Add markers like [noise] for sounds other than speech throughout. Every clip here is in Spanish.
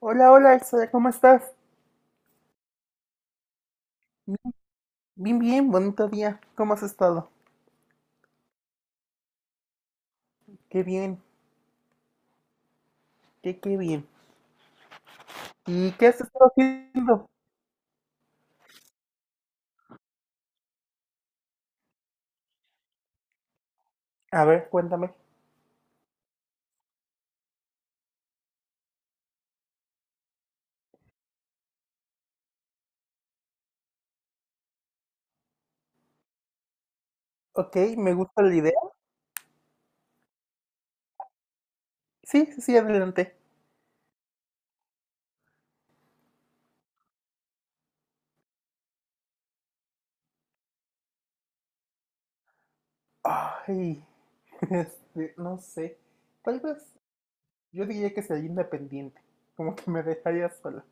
Hola, hola Elsa, ¿cómo estás? Bien, bien, bonito día. ¿Cómo has estado? Qué bien, qué bien. ¿Y qué has estado haciendo? A ver, cuéntame. Ok, me gusta la idea. Sí, sí, sí, adelante. Ay, [laughs] este, no sé. Tal vez yo diría que sería independiente. Como que me dejaría sola.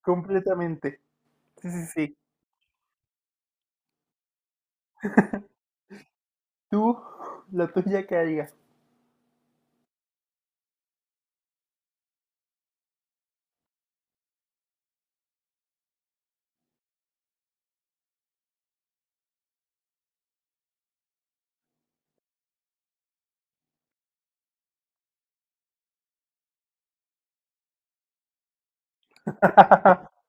Completamente. Sí, sí, sí. Tú, la tuya qué harías. [laughs]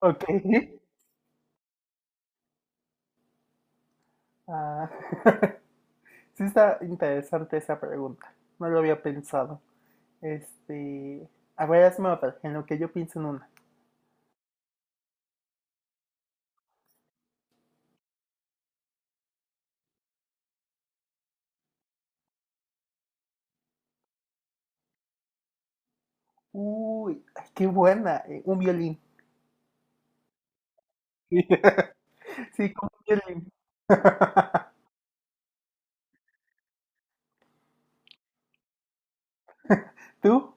Ok. Ah, [laughs] sí está interesante esa pregunta. No lo había pensado. Este. A ver, hazme otra, en lo que yo pienso en una. Uy, ay, qué buena. Un violín. [laughs] Sí, como un violín. [laughs] ¿Tú?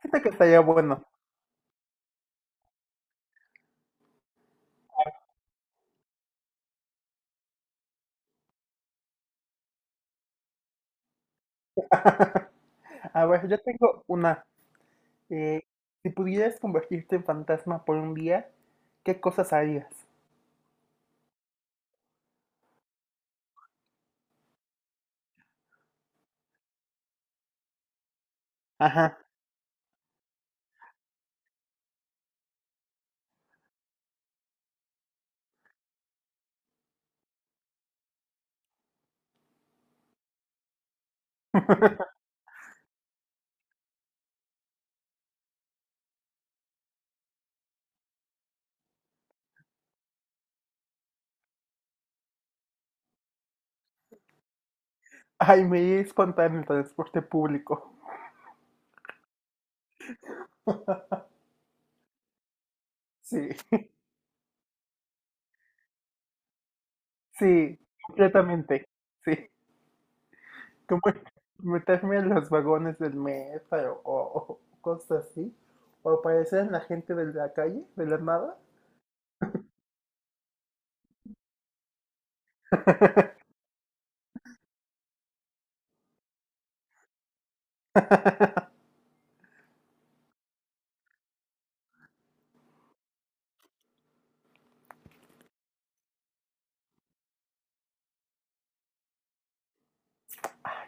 Siento que estaría bueno. A ver, yo tengo una. Eh, si pudieras convertirte en fantasma por 1 día, ¿qué cosas harías? Ajá. [laughs] Ay, me iría a espantar en el transporte público. Sí, [laughs] sí, completamente. Sí. Como [laughs] meterme en los vagones del metro o cosas así, o aparecer en la gente de la calle, de la nada. [laughs]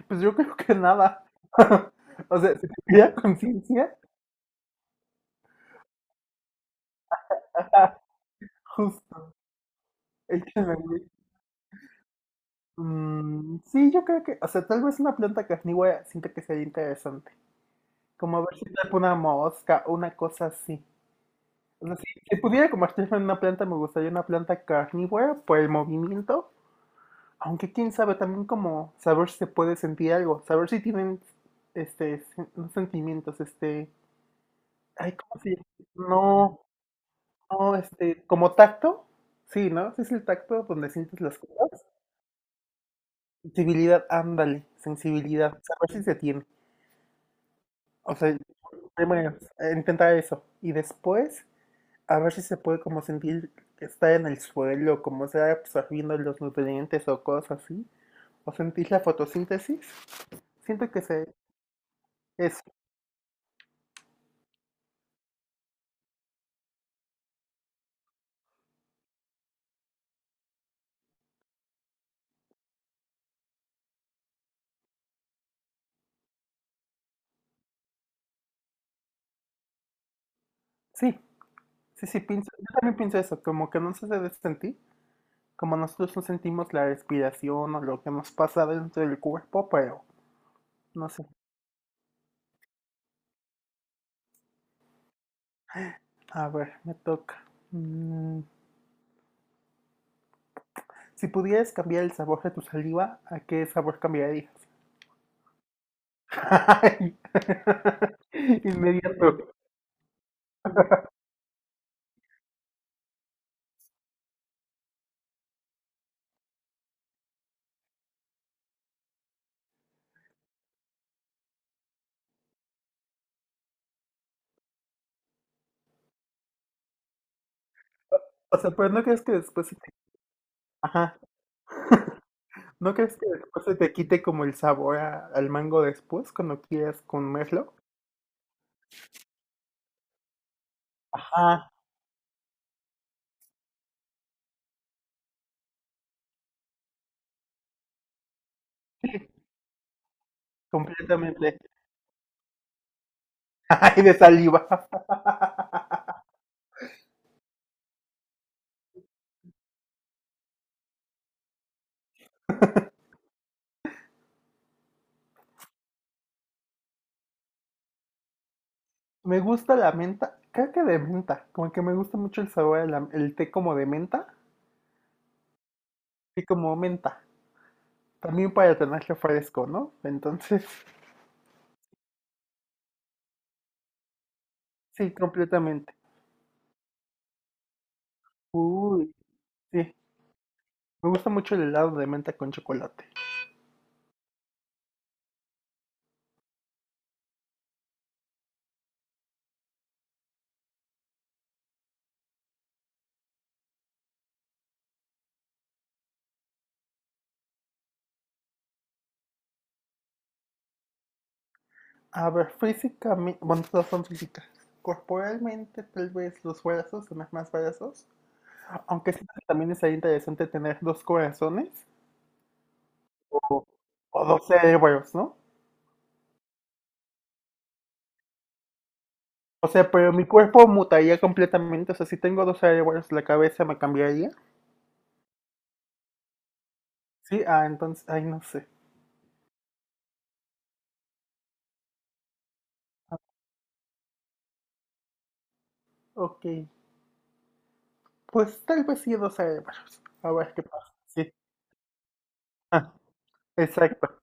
Pues yo creo que nada. [laughs] O sea, si tuviera conciencia, [laughs] ah, justo, échale, güey. Mm, sí, yo creo que, o sea, tal vez una planta carnívora siento que sería interesante. Como ver si atrapa una mosca, una cosa así. O sea, si pudiera convertirme en una planta, me gustaría una planta carnívora por el movimiento. Aunque quién sabe, también como saber si se puede sentir algo, saber si tienen este no sentimientos, este, ay, ¿cómo se llama? No, no, este, como tacto, sí, ¿no? Sí es el tacto donde sientes las cosas. Sensibilidad, ándale, sensibilidad, saber si se tiene. O sea, primero, intentar eso. Y después, a ver si se puede como sentir que está en el suelo, como sea pues, absorbiendo los nutrientes o cosas así. O sentir la fotosíntesis. Siento que se es. Sí, sí, sí, pienso, yo también pienso eso, como que no se debe sentir, como nosotros no sentimos la respiración o lo que nos pasa dentro del cuerpo, pero no sé. A ver, me toca. Mm, si pudieras cambiar el sabor de tu saliva, ¿a qué sabor cambiarías? [laughs] Ay, [laughs] inmediato. O sea, pero no crees que después se te... Ajá. ¿No crees que después se te quite como el sabor al mango después cuando quieras comerlo? Ajá, completamente. [laughs] Ay, de saliva. Me gusta la menta, creo que de menta, como que me gusta mucho el sabor, de el té como de menta y como menta, también para tenerlo fresco, ¿no? Entonces, [laughs] sí, completamente. Uy, sí, me gusta mucho el helado de menta con chocolate. A ver, físicamente, bueno, todas son físicas. Corporalmente, tal vez los brazos, tener más brazos, aunque siento que también es ahí interesante tener dos corazones o, o dos cerebros, ¿no? O sea, pero mi cuerpo mutaría completamente. O sea, si tengo dos cerebros, la cabeza me cambiaría. Sí, ah, entonces, ay, no sé. Ok. Pues tal vez sí dos cerebros. A ver qué pasa. Sí. Ah, exacto.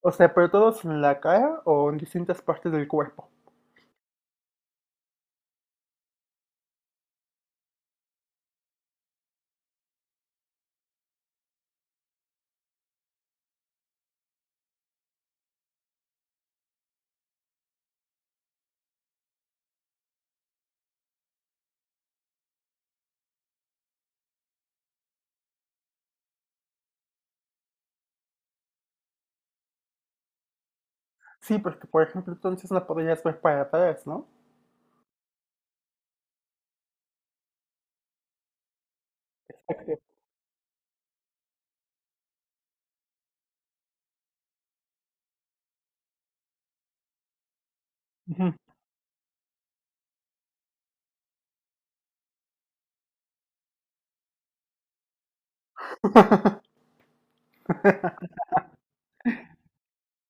O sea, pero todos en la cara o en distintas partes del cuerpo. Sí, porque por ejemplo, entonces no podrías ver para atrás, ¿no? Exacto. Ujú.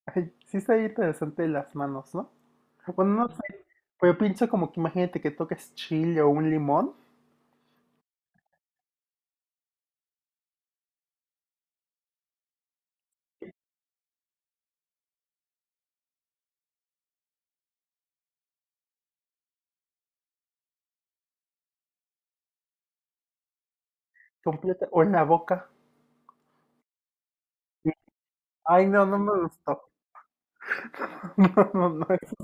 Ay, sí está interesante las manos, ¿no? Bueno, no sé, pero pienso como que imagínate que toques chile o un limón completa o en la boca. Ay, no, no me gustó. No, no, no, eso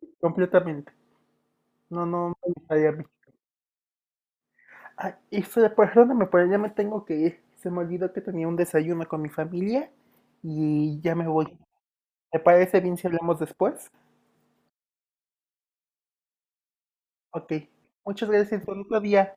sí, completamente. No, no me gustaría a mí. Ah, y perdóname, pero ya me tengo que ir. Se me olvidó que tenía un desayuno con mi familia y ya me voy. ¿Te parece bien si hablamos después? Ok. Muchas gracias por otro día.